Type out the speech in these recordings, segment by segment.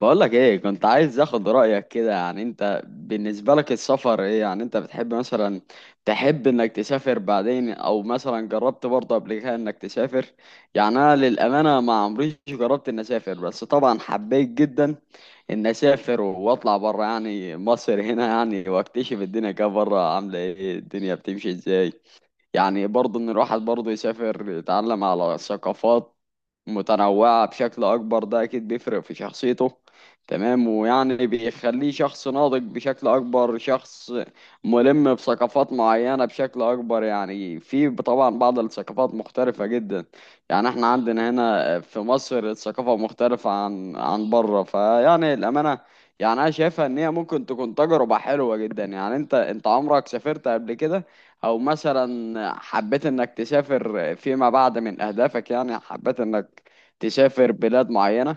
بقولك ايه، كنت عايز اخد رأيك كده. يعني انت بالنسبة لك السفر ايه؟ يعني انت بتحب مثلا تحب انك تسافر بعدين، او مثلا جربت برضه قبل كده انك تسافر؟ يعني انا للأمانة ما عمريش جربت اني اسافر، بس طبعا حبيت جدا اني اسافر واطلع بره يعني مصر هنا، يعني واكتشف الدنيا كده بره عاملة ايه، الدنيا بتمشي ازاي. يعني برضه ان الواحد برضه يسافر يتعلم على ثقافات متنوعة بشكل أكبر، ده أكيد بيفرق في شخصيته. تمام، ويعني بيخليه شخص ناضج بشكل أكبر، شخص ملم بثقافات معينة بشكل أكبر. يعني في طبعا بعض الثقافات مختلفة جدا. يعني احنا عندنا هنا في مصر الثقافة مختلفة عن بره. فيعني الأمانة يعني أنا شايفها إن هي ممكن تكون تجربة حلوة جدا. يعني أنت عمرك سافرت قبل كده؟ او مثلا حبيت انك تسافر فيما بعد، من اهدافك يعني حبيت انك تسافر بلاد معينة؟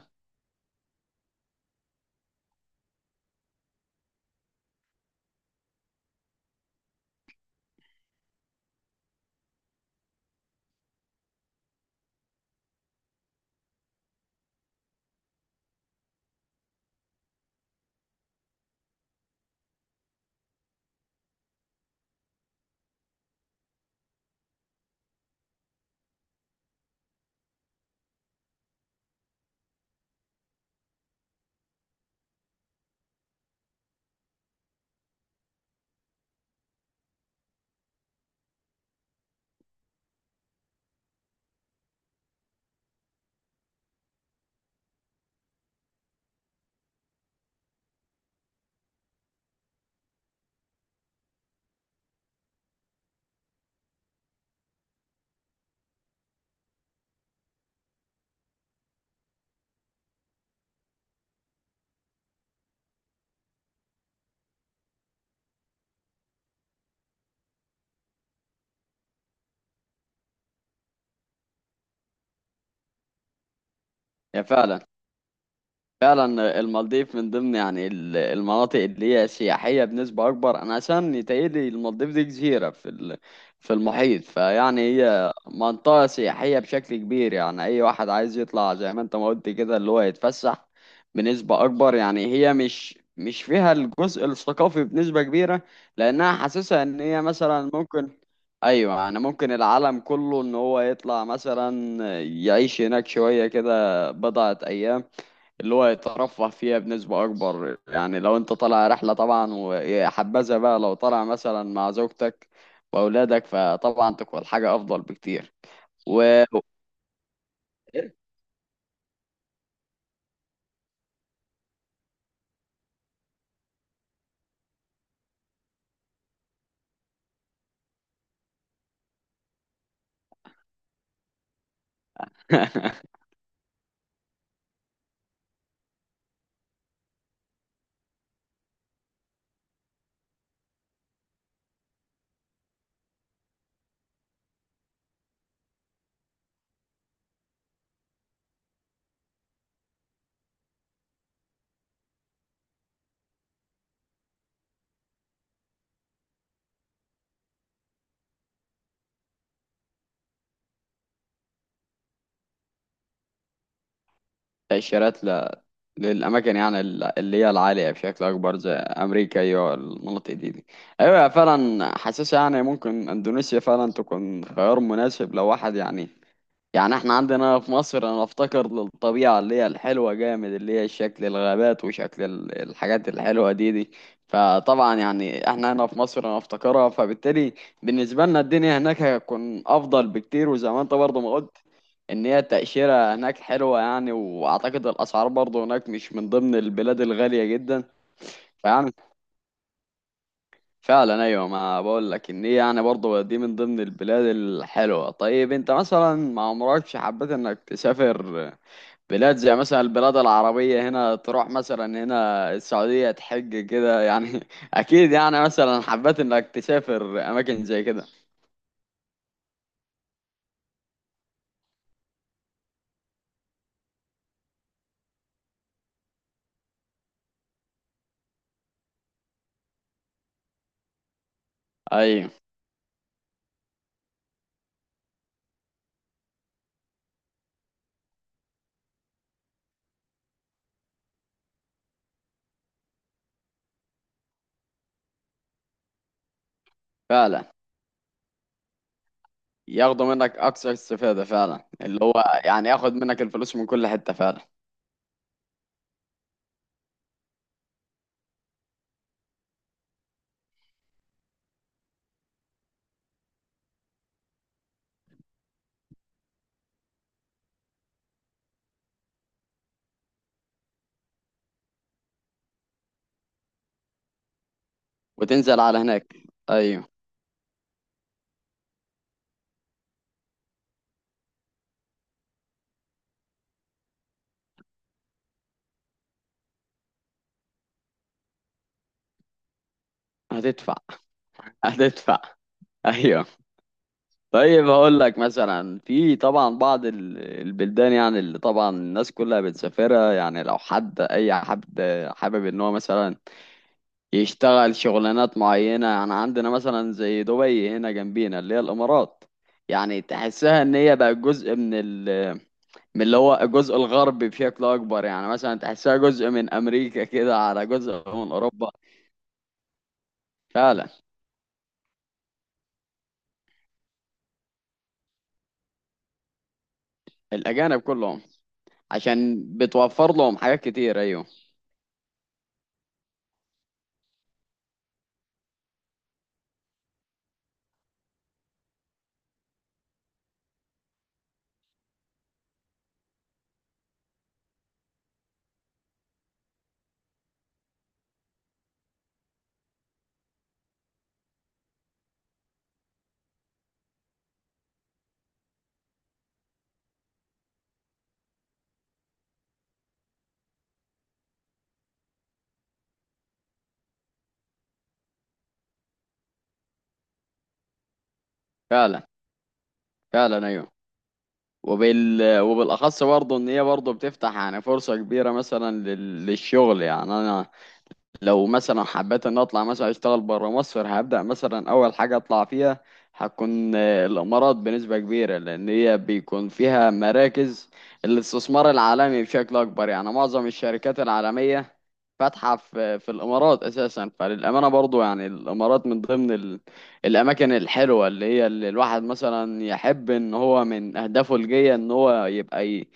يا فعلا، فعلا المالديف من ضمن يعني المناطق اللي هي سياحية بنسبة أكبر. أنا عشان يتهيألي المالديف دي جزيرة في في المحيط. فيعني هي منطقة سياحية بشكل كبير. يعني أي واحد عايز يطلع زي ما أنت ما قلت كده اللي هو يتفسح بنسبة أكبر، يعني هي مش فيها الجزء الثقافي بنسبة كبيرة. لأنها حاسسها إن هي مثلا ممكن، أيوة يعني ممكن العالم كله إن هو يطلع مثلا يعيش هناك شوية كده بضعة أيام اللي هو يترفه فيها بنسبة أكبر. يعني لو أنت طالع رحلة طبعا، وحبذا بقى لو طالع مثلا مع زوجتك وأولادك فطبعا تكون حاجة أفضل بكتير. و تأشيرات للأماكن يعني اللي هي العالية بشكل أكبر زي أمريكا، أيوة المناطق دي. أيوة فعلا حاسسها يعني ممكن إندونيسيا فعلا تكون خيار مناسب لو واحد يعني، يعني احنا عندنا في مصر انا افتكر للطبيعة اللي هي الحلوة جامد، اللي هي شكل الغابات وشكل الحاجات الحلوة دي. فطبعا يعني احنا هنا في مصر انا افتكرها، فبالتالي بالنسبة لنا الدنيا هناك هتكون افضل بكتير. وزي ما انت برضه ما قلت ان هي التأشيرة هناك حلوة. يعني واعتقد الاسعار برضه هناك مش من ضمن البلاد الغالية جدا. فيعني فعلا ايوه ما بقول لك ان هي يعني برضه دي من ضمن البلاد الحلوة. طيب انت مثلا ما عمركش حبيت انك تسافر بلاد زي مثلا البلاد العربية، هنا تروح مثلا هنا السعودية تحج كده يعني أكيد يعني مثلا حبيت إنك تسافر أماكن زي كده. أيوة فعلا، ياخدوا منك أكثر استفادة فعلا، اللي هو يعني ياخد منك الفلوس من كل حتة فعلا. وتنزل على هناك. أيوة هتدفع هتدفع. أيوة. طيب هقول لك مثلا في طبعا بعض البلدان، يعني اللي طبعا الناس كلها بتسافرها. يعني لو حد أي حد حابب إن هو مثلا يشتغل شغلانات معينة، يعني عندنا مثلا زي دبي هنا جنبينا اللي هي الإمارات. يعني تحسها إن هي بقى جزء من ال، من اللي هو الجزء الغربي بشكل أكبر. يعني مثلا تحسها جزء من أمريكا كده، على جزء من أوروبا. فعلا الأجانب كلهم عشان بتوفر لهم حاجات كتير، أيوه. فعلا، فعلا أيوه. وبال وبالأخص برضه إن هي برضه بتفتح يعني فرصة كبيرة مثلا للشغل. يعني أنا لو مثلا حبيت ان اطلع مثلا اشتغل بره مصر، هبدأ مثلا اول حاجة اطلع فيها هتكون الامارات بنسبة كبيرة. لان هي بيكون فيها مراكز الاستثمار العالمي بشكل اكبر. يعني معظم الشركات العالمية فاتحة في الامارات اساسا. فللامانة برضو يعني الامارات من ضمن الاماكن الحلوة اللي هي اللي الواحد مثلا يحب ان هو من اهدافه الجاية ان هو يبقى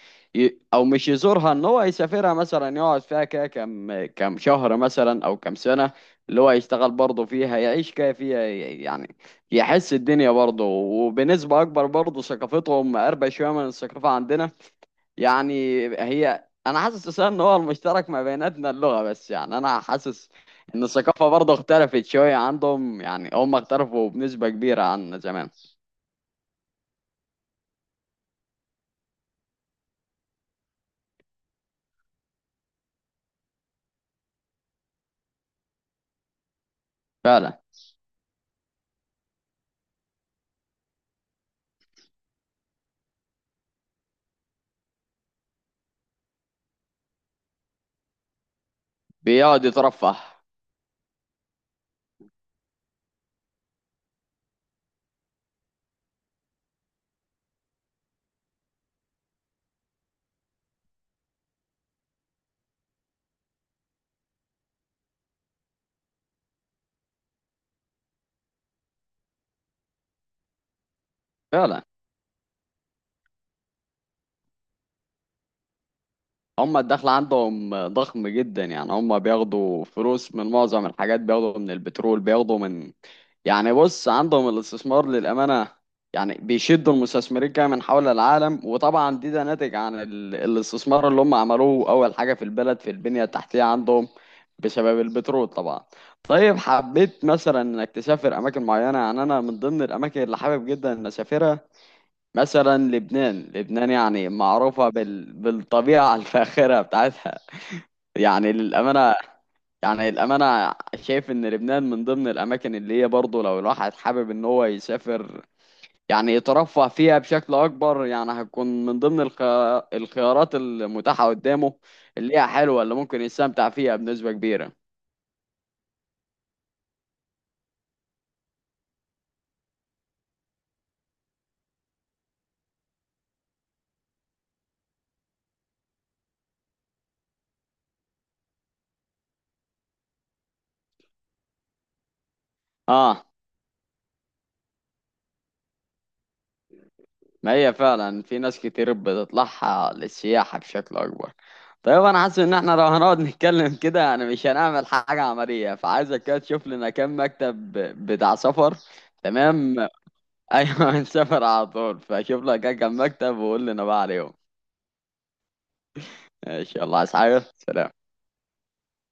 او مش يزورها، ان هو يسافرها مثلا يقعد فيها كده كم شهر مثلا او كم سنة. اللي هو يشتغل برضه فيها يعيش كده فيها يعني يحس الدنيا برضه. وبنسبة اكبر برضه ثقافتهم مقربة شوية من الثقافة عندنا. يعني هي انا حاسس أساساً ان هو المشترك ما بيناتنا اللغة بس. يعني انا حاسس ان الثقافة برضه اختلفت شوية عندهم. يعني هم اختلفوا بنسبة كبيرة عن زمان. فعلا. بيقعد يترفه. فعلا. هم الدخل عندهم ضخم جدا. يعني هم بياخدوا فلوس من معظم الحاجات، بياخدوا من البترول، بياخدوا من، يعني بص عندهم الاستثمار للأمانة، يعني بيشدوا المستثمرين كده من حول العالم. وطبعا دي ده ناتج عن الاستثمار اللي هم عملوه أول حاجة في البلد في البنية التحتية عندهم بسبب البترول طبعا. طيب حبيت مثلا انك تسافر اماكن معينة؟ يعني انا من ضمن الاماكن اللي حابب جدا ان اسافرها مثلا لبنان. لبنان يعني معروفة بالطبيعة الفاخرة بتاعتها. يعني للأمانة يعني الأمانة شايف إن لبنان من ضمن الأماكن اللي هي برضه لو الواحد حابب إن هو يسافر يعني يترفه فيها بشكل أكبر. يعني هتكون من ضمن الخيارات المتاحة قدامه اللي هي حلوة، اللي ممكن يستمتع فيها بنسبة كبيرة. آه، ما هي فعلا في ناس كتير بتطلعها للسياحة بشكل أكبر. طيب أنا حاسس إن إحنا لو هنقعد نتكلم كده يعني مش هنعمل حاجة عملية. فعايزك كده تشوف لنا كام مكتب بتاع سفر. تمام أيوة هنسافر على طول، فشوف لك كام مكتب وقول لنا بقى عليهم. إن شاء الله. عايز حاجة؟ سلام.